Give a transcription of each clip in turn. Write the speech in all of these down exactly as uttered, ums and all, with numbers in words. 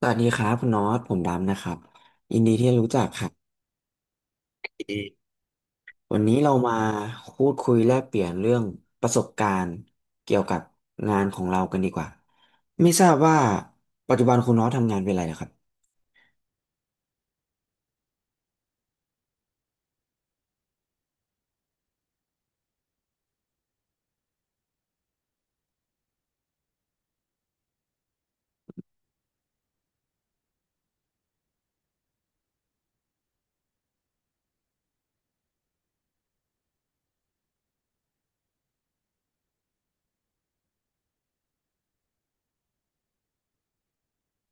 สวัสดีครับคุณน็อตผมดำนะครับยินดีที่ได้รู้จักครับวันนี้เรามาพูดคุยแลกเปลี่ยนเรื่องประสบการณ์เกี่ยวกับงานของเรากันดีกว่าไม่ทราบว่าปัจจุบันคุณน็อตทำงานเป็นอะไรนะครับ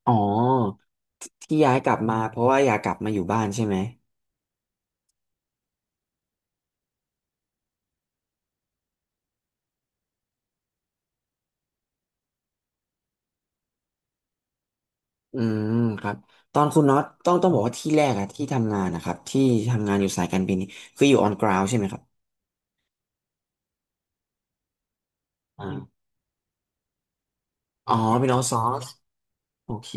อ๋อที่ย้ายกลับมาเพราะว่าอยากกลับมาอยู่บ้านใช่ไหมอืมครับตอนคุณน็อตต้องต้องบอกว่าที่แรกอะที่ทำงานนะครับที่ทำงานอยู่สายการบินนี่คืออยู่ออนกราวใช่ไหมครับอ่าอ๋อเป็นออซอร์สโอเค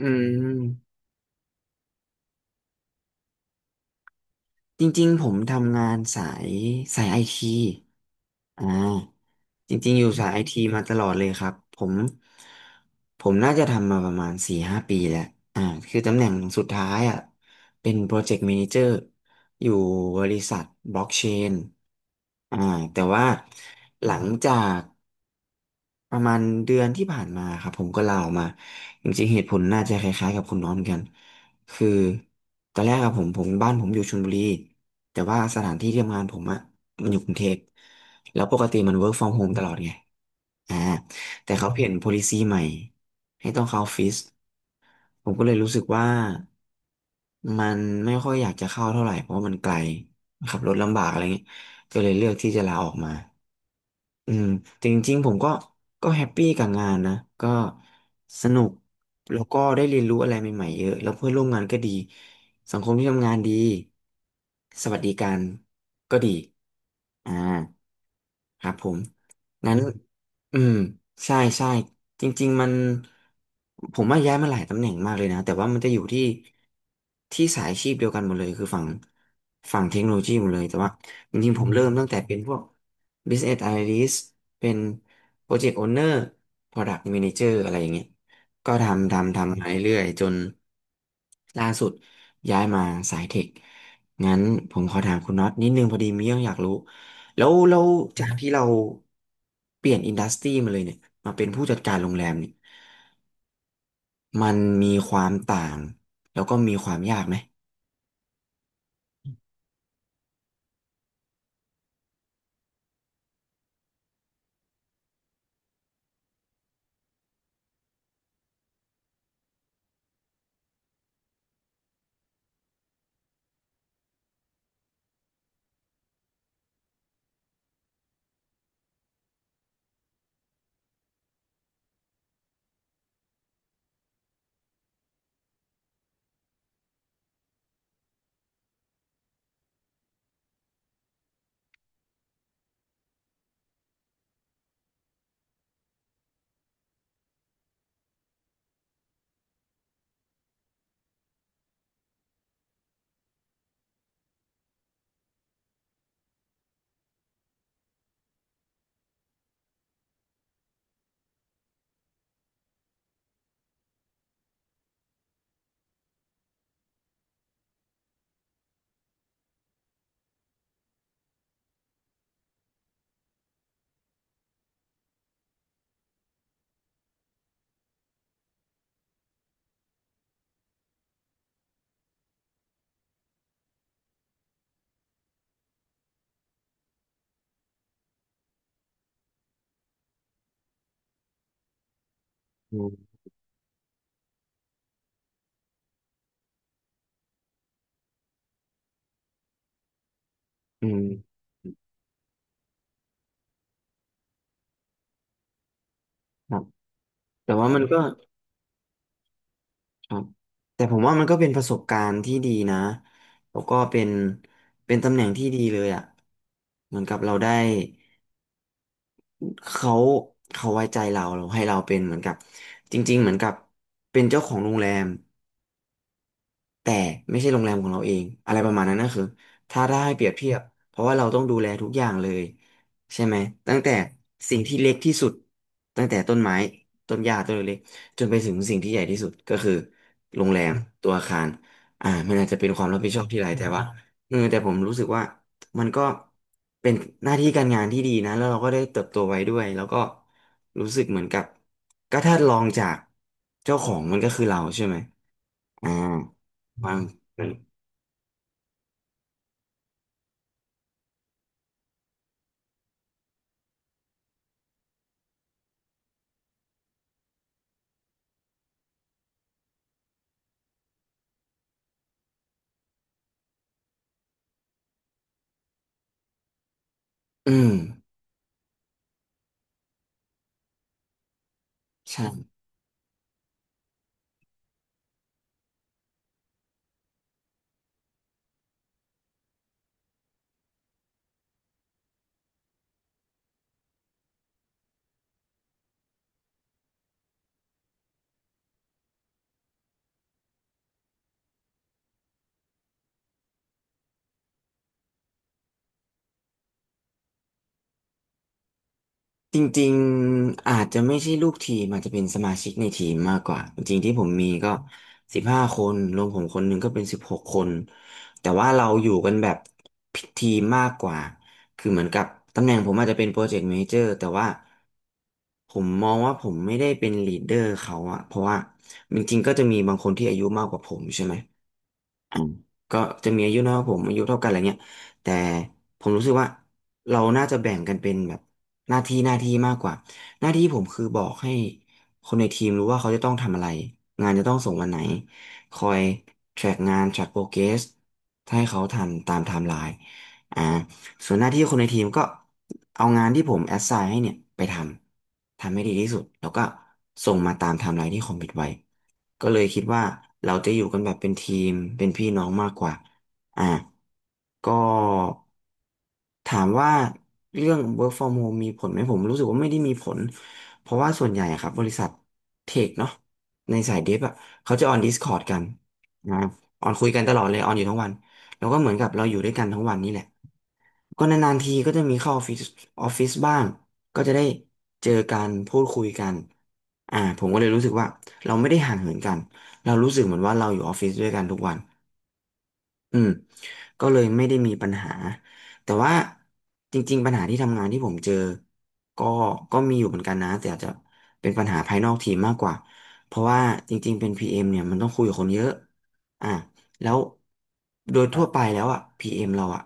อืม จริงๆผมทำงานสายสายไอทีอ่าจริงๆอยู่สายไอทีมาตลอดเลยครับผมผมน่าจะทำมาประมาณสี่ห้าปีแล้วอ่าคือตำแหน่งสุดท้ายอ่ะเป็นโปรเจกต์ a ม a นเจอร์อยู่บริษัทบล็อกเชนอ่าแต่ว่าหลังจาก ประมาณเดือนที่ผ่านมาครับผมก็ลาออกมาจริงๆเหตุผลน่าจะคล้ายๆกับคุณน้องเหมือนกันคือตอนแรกอะผมผมบ้านผมอยู่ชลบุรีแต่ว่าสถานที่ที่ทำงานผมอะมันอยู่กรุงเทพแล้วปกติมัน work from home ตลอดไงอ่าแต่เขาเปลี่ยน policy ใหม่ให้ต้องเข้าออฟฟิศ ผมก็เลยรู้สึกว่ามันไม่ค่อยอยากจะเข้าเท่าไหร่เพราะว่ามันไกลขับรถลำบากอะไรเงี้ยก็เลยเลือกที่จะลาออกมาอืมแต่จริงๆผมก็ก็แฮปปี้กับงานนะก็สนุกแล้วก็ได้เรียนรู้อะไรใหม่ๆเยอะแล้วเพื่อนร่วมงานก็ดีสังคมที่ทำงานดีสวัสดิการก็ดีอ่าครับผมงั้น อืมใช่ใช่จริงๆมันผมว่าย้ายมาหลายตำแหน่งมากเลยนะแต่ว่ามันจะอยู่ที่ที่สายอาชีพเดียวกันหมดเลยคือฝั่งฝั่งเทคโนโลยีหมดเลยแต่ว่าจริงๆผมเริ่มมตั้งแต่เป็นพวก Business Analyst เป็น Project Owner Product Manager อะไรอย่างเงี้ยก็ทำทำทำมาเรื่อยๆจนล่าสุดย้ายมาสายเทคงั้นผมขอถามคุณน็อตนิดนึงพอดีมีเรื่องอยากรู้ แล้วแล้วจากที่เราเปลี่ยนอินดัสทรีมาเลยเนี่ยมาเป็นผู้จัดการโรงแรมเนี่ยมันมีความต่างแล้วก็มีความยากไหมอืมอืมครับแต่ว่ามันก็ครับแต่ผมว่ามันก็เป็นประสบการณ์ที่ดีนะแล้วก็เป็นเป็นตำแหน่งที่ดีเลยอ่ะเหมือนกับเราได้เขาเขาไว้ใจเราเราให้เราเป็นเหมือนกับจริงๆเหมือนกับเป็นเจ้าของโรงแรม แต่ไม่ใช่โรงแรมของเราเองอะไรประมาณนั้นนะคือถ้าได้เปรียบเทียบเพราะว่าเราต้องดูแลทุกอย่างเลยใช่ไหมตั้งแต่สิ่งที่เล็กที่สุดตั้งแต่ต้นไม้ต้นหญ้าต้นเล็กๆจนไปถึงสิ่งที่ใหญ่ที่สุดก็คือโรงแรมตัวอาคารอ่ามันอาจจะเป็นความรับผิดชอบที่หลายแต่ว่าเออแต่ผมรู้สึกว่ามันก็เป็นหน้าที่การงานที่ดีนะแล้วเราก็ได้เติบโตไว้ด้วยแล้วก็รู้สึกเหมือนกับก็ถ้าลองจากเจ้าของมันก็คือเราใช่ไหม อ่าบ้างอืมใช่จริงๆ อาจจะไม่ใช่ลูกทีมอาจจะเป็นสมาชิกในทีมมากกว่า จริงๆที่ผมมีก็สิบห้าคนรวมผมคนหนึ่งก็เป็นสิบหกคน แต่ว่าเราอยู่กันแบบทีมมากกว่า คือเหมือนกับตำแหน่งผมอาจจะเป็นโปรเจกต์เมเจอร์แต่ว่าผมมองว่าผมไม่ได้เป็นลีดเดอร์เขาอะเพราะว่าจริงๆ ก็จะมีบางคนที่อายุมากกว่าผมใช่ไหม อ่ะก็จะมีอายุน้อยกว่าผมอายุเท่ากันอะไรเงี้ยแต่ผมรู้สึกว่าเราน่าจะแบ่งกันเป็นแบบหน้าที่หน้าที่มากกว่าหน้าที่ผมคือบอกให้คนในทีมรู้ว่าเขาจะต้องทำอะไรงานจะต้องส่งวันไหนคอย track งาน track progress ให้เขาทันตามไทม์ไลน์อ่าส่วนหน้าที่คนในทีมก็เอางานที่ผม a สไ i g n ให้เนี่ยไปทำทำให้ดีที่สุดแล้วก็ส่งมาตามไทม์ไลน์ที่คอมมิตไว้ ก็เลยคิดว่าเราจะอยู่กันแบบเป็นทีมเป็นพี่น้องมากกว่า อ่ะ ก็ถามว่าเรื่อง work from home มีผลไหมผมรู้สึกว่าไม่ได้มีผลเพราะว่าส่วนใหญ่อะครับบริษัทเทคเนาะในสายเดฟอะเขาจะออน Discord กันนะออนคุยกันตลอดเลยออนอยู่ทั้งวันแล้วก็เหมือนกับเราอยู่ด้วยกันทั้งวันนี่แหละ ก็นานๆทีก็จะมีเข้าออฟฟิศออฟฟิศบ้างก็จะได้เจอกันพูดคุยกันอ่าผมก็เลยรู้สึกว่าเราไม่ได้ห่างเหินกันเรารู้สึกเหมือนว่าเราอยู่ออฟฟิศด้วยกันทุกวัน อืมก็เลยไม่ได้มีปัญหาแต่ว่าจริงๆปัญหาที่ทำงานที่ผมเจอก็ก็มีอยู่เหมือนกันนะแต่อาจจะเป็นปัญหาภายนอกทีมมากกว่าเพราะว่าจริงๆเป็น พี เอ็ม เอ็มเนี่ยมันต้องคุยกับคนเยอะอ่ะแล้วโดยทั่วไปแล้วอ่ะ พี เอ็ม เอ็มเราอ่ะ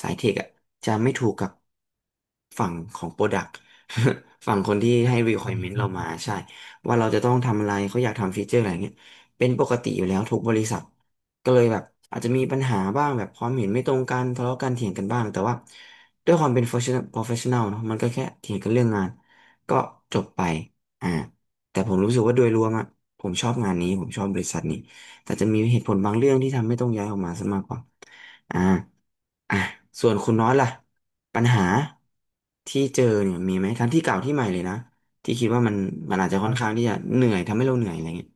สายเทคอ่ะจะไม่ถูกกับฝั่งของ Product ฝั่งคนที่ให้ requirement เรามาใช่ว่าเราจะต้องทำอะไรเขาอยากทำฟีเจอร์อะไรเงี้ยเป็นปกติอยู่แล้วทุกบริษัท ก็เลยแบบอาจจะมีปัญหาบ้างแบบความเห็นไม่ตรงกันทะเลาะกันเถียงกันบ้างแต่ว่าด้วยความเป็น professional professional เนอะมันก็แค่เถียงกันเรื่องงานก็จบไปอ่าแต่ผมรู้สึกว่าโดยรวมอะผมชอบงานนี้ผมชอบบริษัทนี้แต่จะมีเหตุผลบางเรื่องที่ทำให้ต้องย้ายออกมาซะมากกว่าอ่าอ่ะส่วนคุณน้อยล่ะปัญหาที่เจอเนี่ยมีไหมทั้งที่เก่าที่ใหม่เลยนะที่คิดว่ามันมันอาจจะค่อนข้างที่จะเหนื่อยทำให้เราเหนื่อยอะไรเงี้ย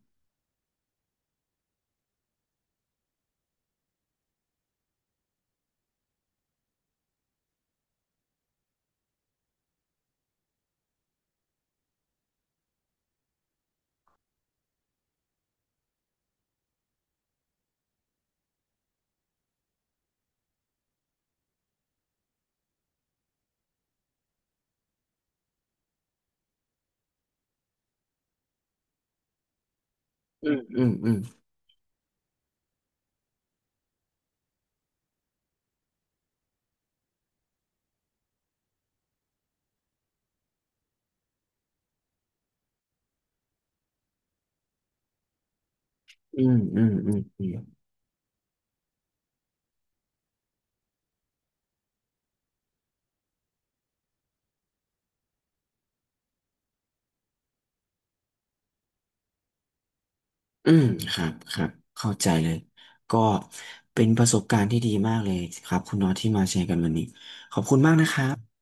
อืมอืมอืมอืมอืมอืมอืม อืม ครับ ครับ เข้าใจเลย ก็เป็นประสบการณ์ที่ดีมากเลยครับคุณน็อตที่มาแชร์กันวันนี้ ขอบคุณมากนะครับ